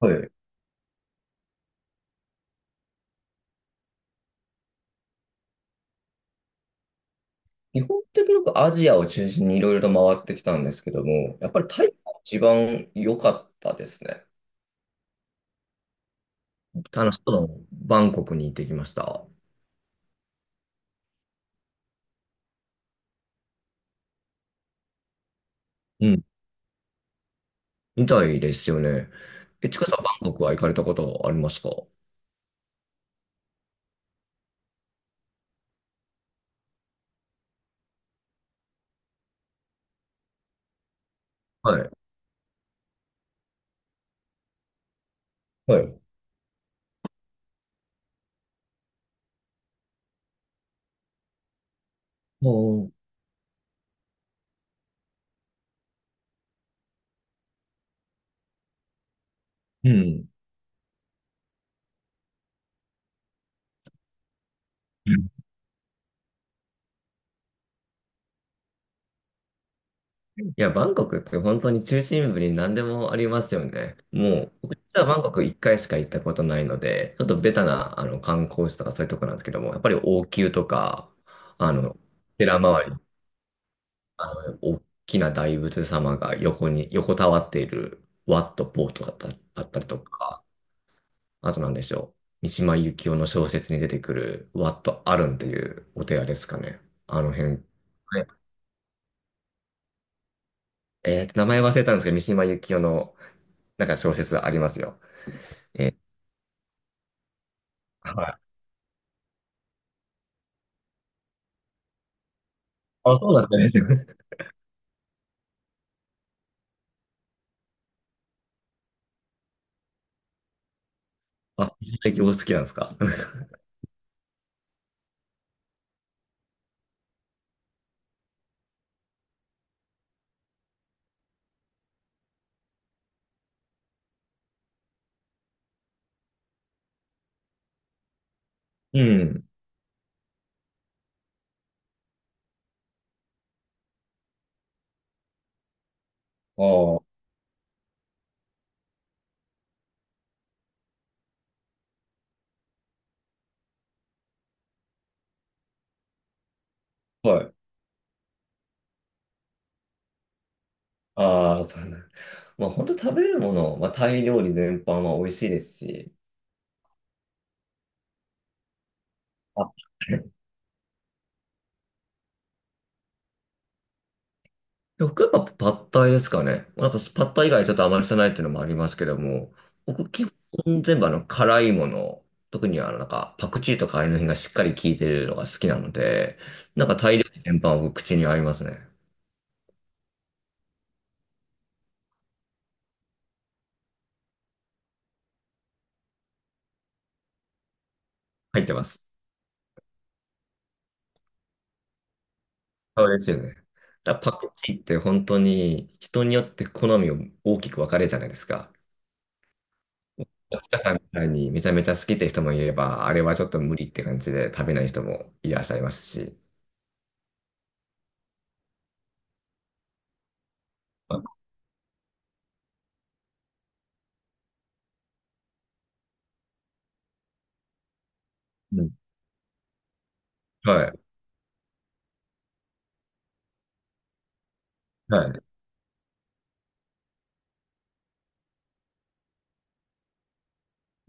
はい。基本的によくアジアを中心にいろいろと回ってきたんですけども、やっぱりタイが一番良かったですね。楽しそうなバンコクに行ってきました。うん。みたいですよね。ちかさん、バンコクは行かれたことありますか？はい。はい。もうん。いや、バンコクって本当に中心部に何でもありますよね。もう、僕実はバンコク1回しか行ったことないので、ちょっとベタな観光地とかそういうとこなんですけども、やっぱり王宮とか、あの、寺周り、大きな大仏様が横に、横たわっているワット・ポートだったりとか、あとなんでしょう、三島由紀夫の小説に出てくるワット・アルンっていうお寺ですかね。あの辺。はい、名前忘れたんですけど、三島由紀夫のなんか小説ありますよ。え、はい。あ、そうなんですね。あ、石焼きお好きなんですか。うん。ああ、はい。ああ、そうなん。まあ、本当食べるもの、まあ、タイ料理全般は美味しいですし。あ、僕はやっぱパッタイですかね。なんかパッタイ以外ちょっとあまりしてないっていうのもありますけども、僕基本全部辛いもの、特になんかパクチーとかああいうの辺がしっかり効いてるのが好きなので、なんかタイ料理全般は僕口に合いますね。入ってます。そうですよね。だからパクチーって本当に人によって好みを大きく分かれるじゃないですか。岡さんみたいにめちゃめちゃ好きって人もいれば、あれはちょっと無理って感じで食べない人もいらっしゃいますし。あうん、はい。は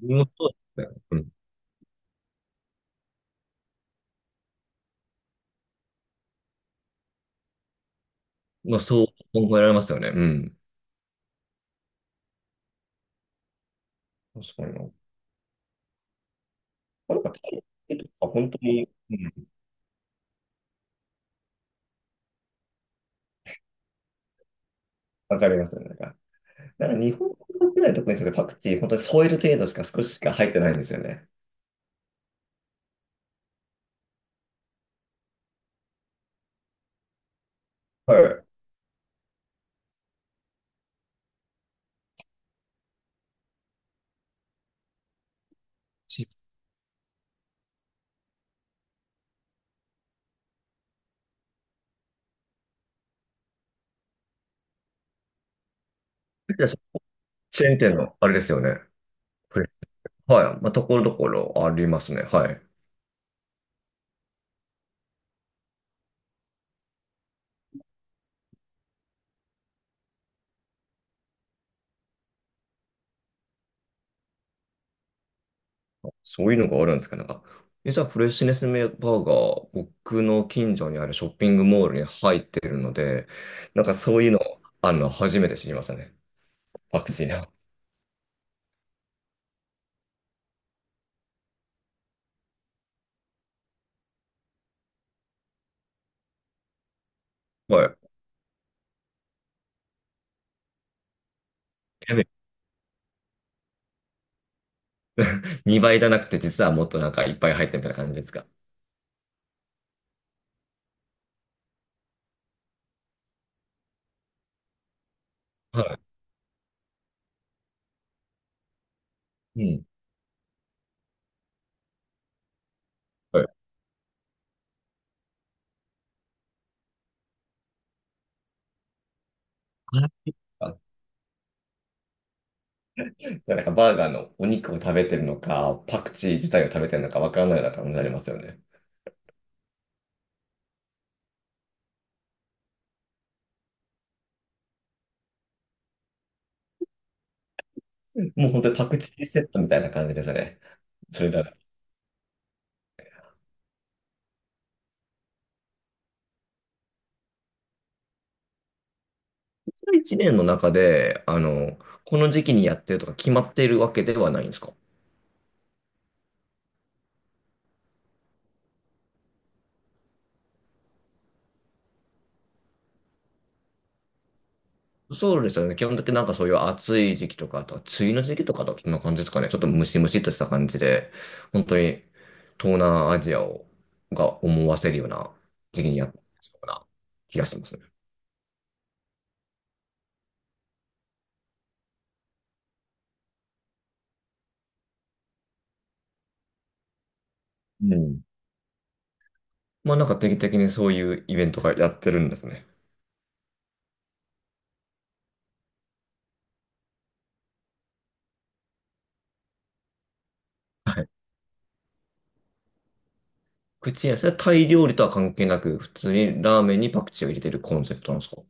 い。もうそうですね。うん。まあ、そう思えられますよね。うん。確かにな。なんかタイとか本当に、うん、分かりますよね。なんか日本国内特にそれパクチー本当に添える程度しか少ししか入ってないんですよね。はい。チチェーン店のあれですよね。フレはい。まあ、ところどころありますね。はい。そういうのがあるんですか、なんか。え、じゃあ、フレッシュネスバーガー、僕の近所にあるショッピングモールに入ってるので、なんかそういうの、あるの、初めて知りましたね。パクチーな。はい。やべ2倍じゃなくて、実はもっとなんかいっぱい入ってるみたいな感じですか。はい。うん。はいあ、なんかバーガーのお肉を食べてるのか、パクチー自体を食べてるのかわからないような感じありますよね。もう本当にパクチーセットみたいな感じですね。それだ。1年の中で、この時期にやってるとか決まっているわけではないんですか？そうですよね。基本的になんかそういう暑い時期とか、あとは梅雨の時期とかだとそんな感じですかね。ちょっとムシムシっとした感じで、本当に東南アジアをが思わせるような時期にやってるような気がしますね。うん。まあなんか定期的にそういうイベントがやってるんですね。はい。口に、それはタイ料理とは関係なく、普通にラーメンにパクチーを入れてるコンセプトなんですか？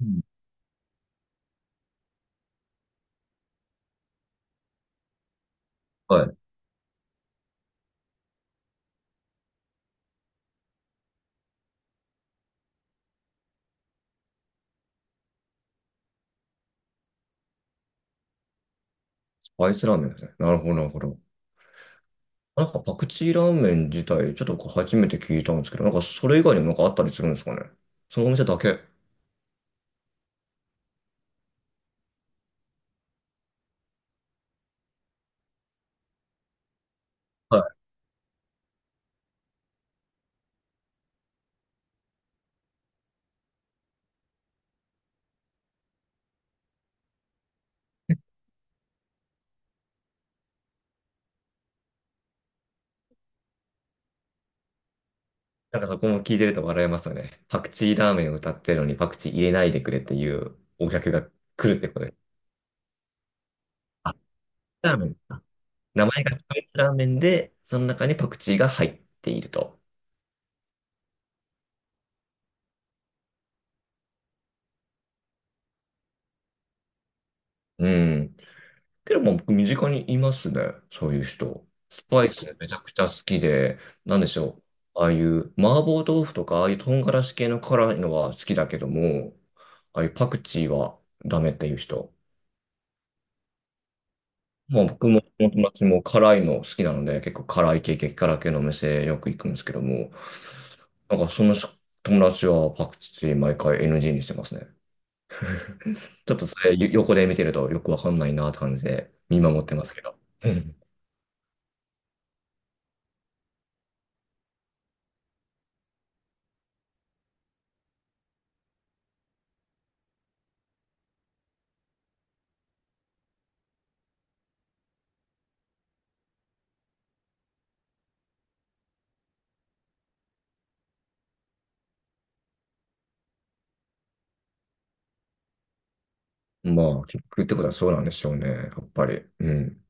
うんアイスラーメンですね。なるほど、なるほど。なんかパクチーラーメン自体、ちょっとこう初めて聞いたんですけど、なんかそれ以外にもなんかあったりするんですかね。そのお店だけ。はい。なんかそこも聞いてると笑えますよね。パクチーラーメンを歌ってるのにパクチー入れないでくれっていうお客が来るってことです。あ、ラーメンか。名前がスパイスラーメンで、その中にパクチーが入っていると。うん。けども僕身近にいますね、そういう人。スパイスめちゃくちゃ好きで、なんでしょう。ああいう麻婆豆腐とか、ああいう唐辛子系の辛いのは好きだけども、ああいうパクチーはダメっていう人。まあ僕も友達も辛いの好きなので、結構辛い系、激辛系のお店よく行くんですけども、なんかその友達はパクチー毎回 NG にしてますね。ちょっとそれよ横で見てるとよくわかんないなって感じで見守ってますけど。まあ、結局ってことはそうなんでしょうね。やっぱり。うん。